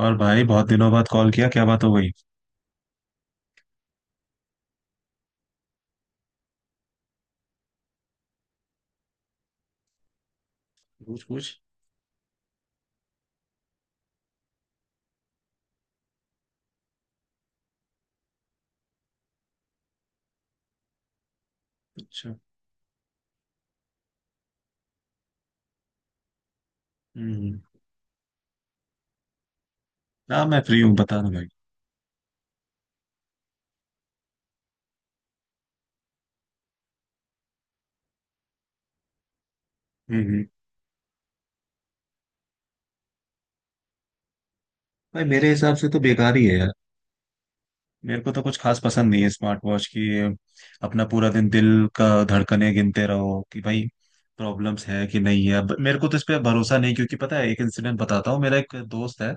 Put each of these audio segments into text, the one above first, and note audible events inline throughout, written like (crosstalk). और भाई बहुत दिनों बाद कॉल किया, क्या बात हो गई? पूछ पूछ। अच्छा। हम्म। ना, मैं फ्री हूँ, बता दो भाई। हम्म हम्म। भाई मेरे हिसाब से तो बेकार ही है यार। मेरे को तो कुछ खास पसंद नहीं है स्मार्ट वॉच की ये। अपना पूरा दिन दिल का धड़कने गिनते रहो कि भाई प्रॉब्लम्स है कि नहीं है। अब मेरे को तो इस पे भरोसा नहीं, क्योंकि पता है, एक इंसिडेंट बताता हूँ। मेरा एक दोस्त है,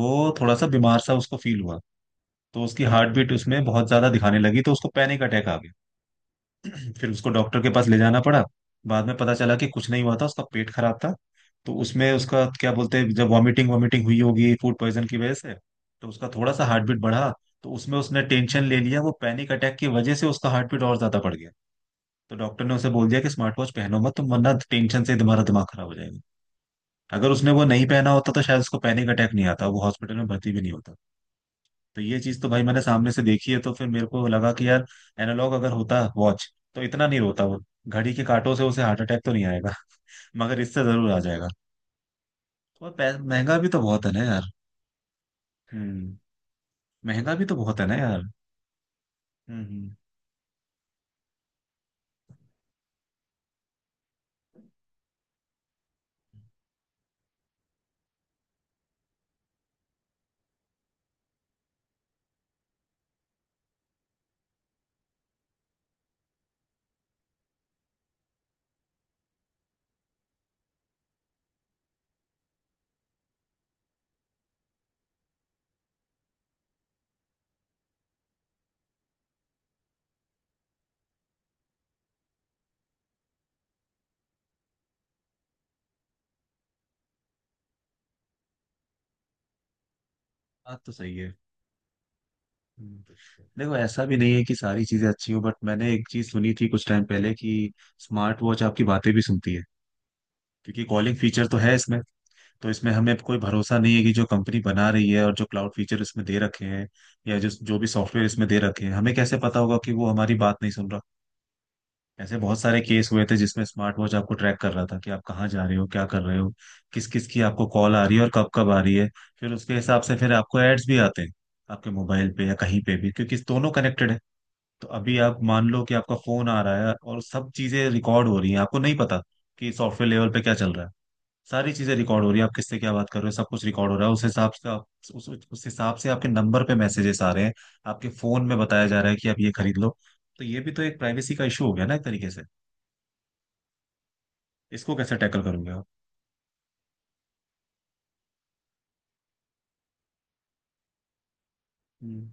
वो थोड़ा सा बीमार सा उसको फील हुआ, तो उसकी हार्ट बीट उसमें बहुत ज्यादा दिखाने लगी, तो उसको पैनिक अटैक आ गया। फिर उसको डॉक्टर के पास ले जाना पड़ा। बाद में पता चला कि कुछ नहीं हुआ था, उसका पेट खराब था। तो उसमें उसका क्या बोलते हैं, जब वॉमिटिंग वॉमिटिंग हुई होगी फूड पॉइजन की वजह से, तो उसका थोड़ा सा हार्ट बीट बढ़ा, तो उसमें उसने टेंशन ले लिया, वो पैनिक अटैक की वजह से उसका हार्ट बीट और ज्यादा बढ़ गया। तो डॉक्टर ने उसे बोल दिया कि स्मार्ट वॉच पहनो मत तुम, वरना टेंशन से तुम्हारा दिमाग खराब हो जाएगा। अगर उसने वो नहीं पहना होता तो शायद उसको पैनिक अटैक नहीं आता, वो हॉस्पिटल में भर्ती भी नहीं होता। तो ये चीज तो भाई मैंने सामने से देखी है, तो फिर मेरे को लगा कि यार, एनालॉग अगर होता वॉच तो इतना नहीं रोता वो। घड़ी के कांटों से उसे हार्ट अटैक तो नहीं आएगा, (laughs) मगर इससे जरूर आ जाएगा। और महंगा भी तो बहुत है ना यार। हम्म। महंगा भी तो बहुत है ना यार। हम्म। बात तो सही है। हम्म। देखो ऐसा भी नहीं है कि सारी चीजें अच्छी हो, बट मैंने एक चीज सुनी थी कुछ टाइम पहले कि स्मार्ट वॉच आपकी बातें भी सुनती है, क्योंकि कॉलिंग फीचर तो है इसमें। तो इसमें हमें कोई भरोसा नहीं है कि जो कंपनी बना रही है और जो क्लाउड फीचर इसमें दे रखे हैं या जो जो भी सॉफ्टवेयर इसमें दे रखे हैं, हमें कैसे पता होगा कि वो हमारी बात नहीं सुन रहा। ऐसे बहुत सारे केस हुए थे जिसमें स्मार्ट वॉच आपको ट्रैक कर रहा था कि आप कहाँ जा रहे हो, क्या कर रहे हो, किस किस की आपको कॉल आ रही है और कब कब आ रही है। फिर उसके हिसाब से फिर आपको एड्स भी आते हैं आपके मोबाइल पे या कहीं पे भी, क्योंकि दोनों कनेक्टेड है। तो अभी आप मान लो कि आपका फोन आ रहा है और सब चीजें रिकॉर्ड हो रही हैं, आपको नहीं पता कि सॉफ्टवेयर लेवल पे क्या चल रहा है। सारी चीजें रिकॉर्ड हो रही है, आप किससे क्या बात कर रहे हो सब कुछ रिकॉर्ड हो रहा है, उस हिसाब से आप उस हिसाब से आपके नंबर पे मैसेजेस आ रहे हैं, आपके फोन में बताया जा रहा है कि आप ये खरीद लो। तो ये भी तो एक प्राइवेसी का इशू हो गया ना एक तरीके से। इसको कैसे टैकल करोगे आप? हम्म।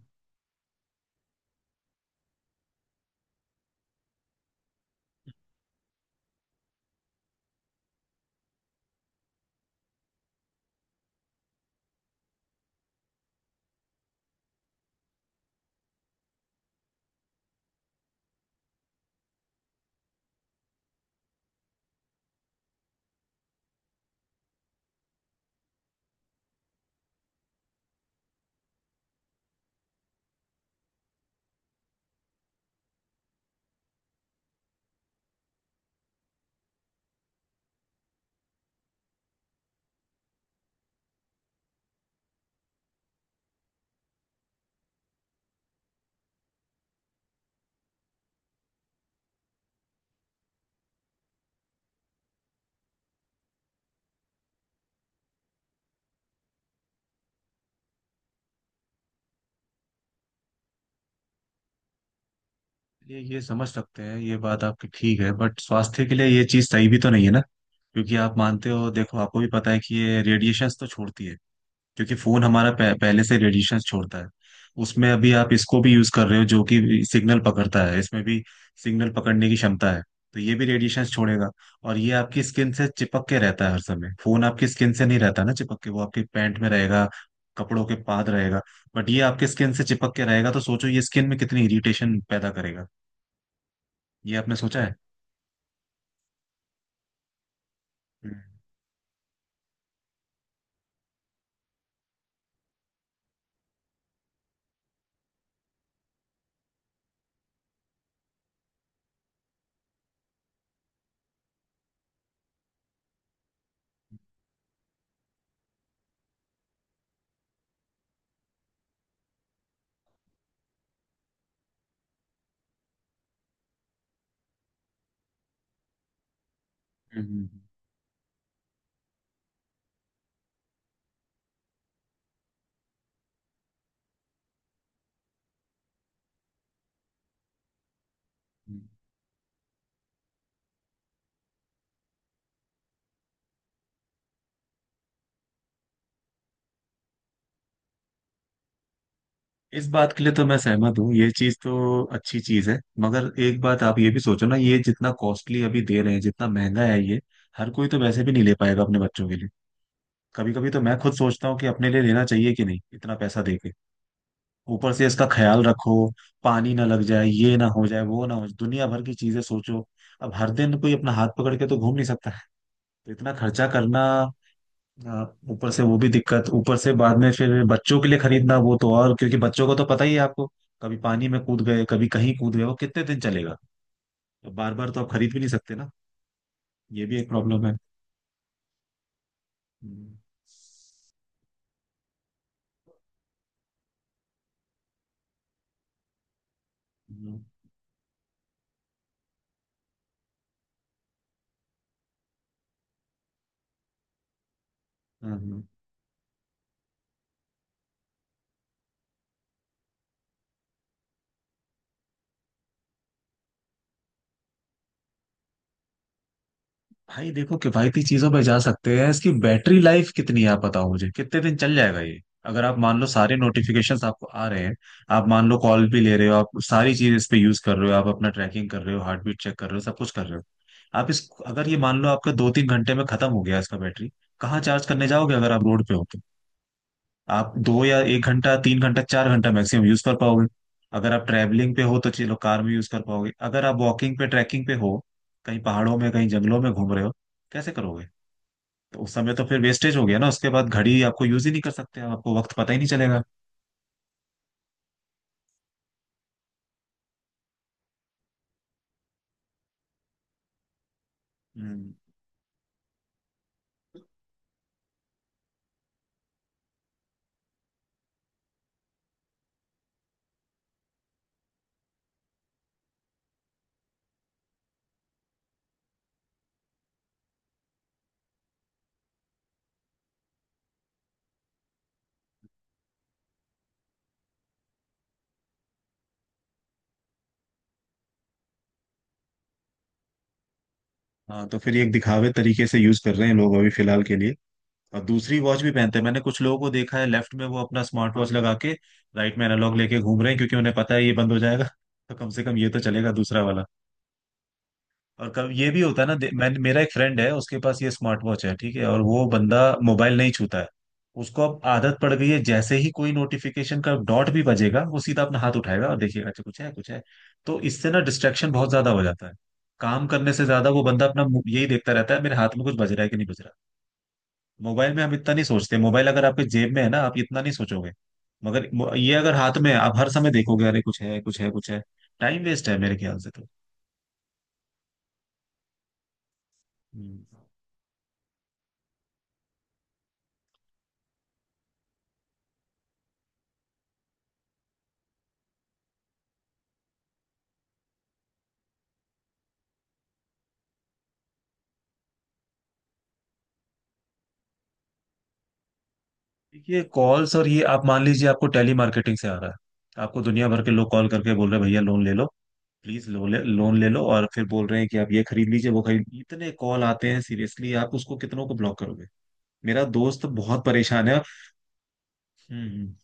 ये समझ सकते हैं, ये बात आपकी ठीक है, बट स्वास्थ्य के लिए ये चीज सही भी तो नहीं है ना, क्योंकि आप मानते हो, देखो आपको भी पता है कि ये रेडिएशंस तो छोड़ती है। क्योंकि फोन हमारा पहले से रेडिएशन छोड़ता है, उसमें अभी आप इसको भी यूज कर रहे हो जो कि सिग्नल पकड़ता है, इसमें भी सिग्नल पकड़ने की क्षमता है, तो ये भी रेडिएशन छोड़ेगा। और ये आपकी स्किन से चिपक के रहता है हर समय, फोन आपकी स्किन से नहीं रहता ना चिपक के, वो आपके पैंट में रहेगा, कपड़ों के पाद रहेगा, बट ये आपके स्किन से चिपक के रहेगा, तो सोचो ये स्किन में कितनी इरिटेशन पैदा करेगा। ये आपने सोचा है? हम्म हम्म, हम्म, हम्म। इस बात के लिए तो मैं सहमत हूँ, ये चीज तो अच्छी चीज है, मगर एक बात आप ये भी सोचो ना, ये जितना कॉस्टली अभी दे रहे हैं, जितना महंगा है ये, हर कोई तो वैसे भी नहीं ले पाएगा अपने बच्चों के लिए। कभी कभी तो मैं खुद सोचता हूँ कि अपने लिए लेना चाहिए कि नहीं इतना पैसा दे के। ऊपर से इसका ख्याल रखो, पानी ना लग जाए, ये ना हो जाए, वो ना हो जाए, दुनिया भर की चीजें सोचो। अब हर दिन कोई अपना हाथ पकड़ के तो घूम नहीं सकता है, तो इतना खर्चा करना। हाँ, ऊपर से वो भी दिक्कत, ऊपर से बाद में फिर बच्चों के लिए खरीदना वो तो और, क्योंकि बच्चों को तो पता ही है आपको, कभी पानी में कूद गए कभी कहीं कूद गए, वो कितने दिन चलेगा। तो बार बार तो आप खरीद भी नहीं सकते ना। ये भी एक प्रॉब्लम है। हम्म, हम्म, हाँ, हाँ। भाई देखो किफायती चीजों पे जा सकते हैं, इसकी बैटरी लाइफ कितनी है आप बताओ मुझे, कितने दिन चल जाएगा ये? अगर आप मान लो सारे नोटिफिकेशंस आपको आ रहे हैं, आप मान लो कॉल भी ले रहे हो, आप सारी चीज इस पे यूज कर रहे हो, आप अपना ट्रैकिंग कर रहे हो, हार्ट बीट चेक कर रहे हो, सब कुछ कर रहे हो, आप इस अगर ये मान लो आपका 2-3 घंटे में खत्म हो गया इसका बैटरी, कहाँ चार्ज करने जाओगे अगर आप रोड पे हो तो? आप दो या एक घंटा तीन घंटा चार घंटा मैक्सिमम यूज कर पाओगे। अगर आप ट्रैवलिंग पे हो तो चलो कार में यूज कर पाओगे, अगर आप वॉकिंग पे ट्रैकिंग पे हो, कहीं पहाड़ों में कहीं जंगलों में घूम रहे हो, कैसे करोगे? तो उस समय तो फिर वेस्टेज हो गया ना, उसके बाद घड़ी आपको यूज ही नहीं कर सकते आप, आपको वक्त पता ही नहीं चलेगा। हम्म। हाँ, तो फिर ये एक दिखावे तरीके से यूज कर रहे हैं लोग अभी फिलहाल के लिए, और दूसरी वॉच भी पहनते हैं। मैंने कुछ लोगों को देखा है, लेफ्ट में वो अपना स्मार्ट वॉच लगा के राइट में एनालॉग लेके घूम रहे हैं, क्योंकि उन्हें पता है ये बंद हो जाएगा, तो कम से कम ये तो चलेगा दूसरा वाला। और कभी ये भी होता है ना, मैं, मेरा एक फ्रेंड है, उसके पास ये स्मार्ट वॉच है, ठीक है, और वो बंदा मोबाइल नहीं छूता है, उसको अब आदत पड़ गई है, जैसे ही कोई नोटिफिकेशन का डॉट भी बजेगा वो सीधा अपना हाथ उठाएगा और देखेगा अच्छा कुछ है कुछ है। तो इससे ना डिस्ट्रैक्शन बहुत ज्यादा हो जाता है, काम करने से ज्यादा वो बंदा अपना यही देखता रहता है, मेरे हाथ में कुछ बज रहा है कि नहीं बज रहा। मोबाइल में हम इतना नहीं सोचते, मोबाइल अगर आपके जेब में है ना, आप इतना नहीं सोचोगे, मगर ये अगर हाथ में है आप हर समय देखोगे अरे कुछ है कुछ है कुछ है। टाइम वेस्ट है मेरे ख्याल से तो। हम्म। देखिए कॉल्स और ये, आप मान लीजिए आपको टेली मार्केटिंग से आ रहा है, आपको दुनिया भर के लोग कॉल करके बोल रहे हैं भैया लोन ले लो, प्लीज लोन ले लो, और फिर बोल रहे हैं कि आप ये खरीद लीजिए वो खरीद, इतने कॉल आते हैं सीरियसली, आप उसको कितनों को ब्लॉक करोगे? मेरा दोस्त बहुत परेशान है। हम्म हम्म।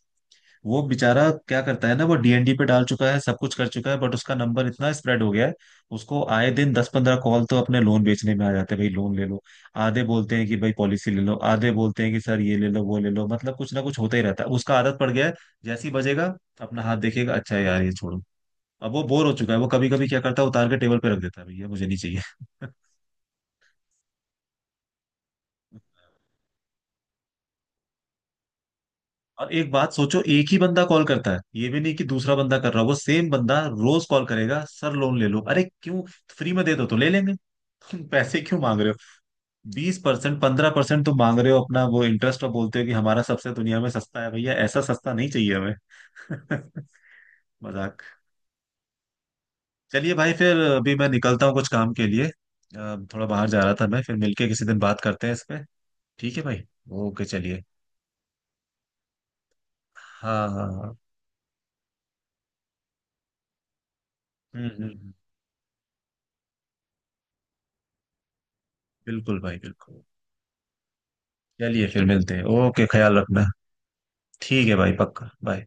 वो बेचारा क्या करता है ना, वो डीएनडी पे डाल चुका है, सब कुछ कर चुका है, बट उसका नंबर इतना स्प्रेड हो गया है, उसको आए दिन 10-15 कॉल तो अपने लोन बेचने में आ जाते हैं, भाई लोन ले लो। आधे बोलते हैं कि भाई पॉलिसी ले लो, आधे बोलते हैं कि सर ये ले लो वो ले लो, मतलब कुछ ना कुछ होता ही रहता है, उसका आदत पड़ गया है, जैसे ही बजेगा अपना हाथ देखेगा, अच्छा यार ये छोड़ो, अब वो बोर हो चुका है, वो कभी कभी क्या करता है उतार के टेबल पे रख देता है, भैया मुझे नहीं चाहिए। (laughs) और एक बात सोचो, एक ही बंदा कॉल करता है, ये भी नहीं कि दूसरा बंदा कर रहा हो, वो सेम बंदा रोज कॉल करेगा सर लोन ले लो, अरे क्यों, फ्री में दे दो तो ले लेंगे। (laughs) तुम पैसे क्यों मांग रहे हो, 20% 15% तुम मांग रहे हो अपना वो इंटरेस्ट, और बोलते हो कि हमारा सबसे दुनिया में सस्ता है, भैया ऐसा सस्ता नहीं चाहिए हमें। (laughs) मजाक। चलिए भाई, फिर अभी मैं निकलता हूँ कुछ काम के लिए, थोड़ा बाहर जा रहा था मैं, फिर मिलके किसी दिन बात करते हैं इस पे। ठीक है भाई। ओके चलिए। हाँ हाँ हाँ। हम्म हम्म हम्म। बिल्कुल भाई बिल्कुल। चलिए फिर मिलते हैं, ओके, ख्याल रखना। ठीक है भाई, पक्का, बाय।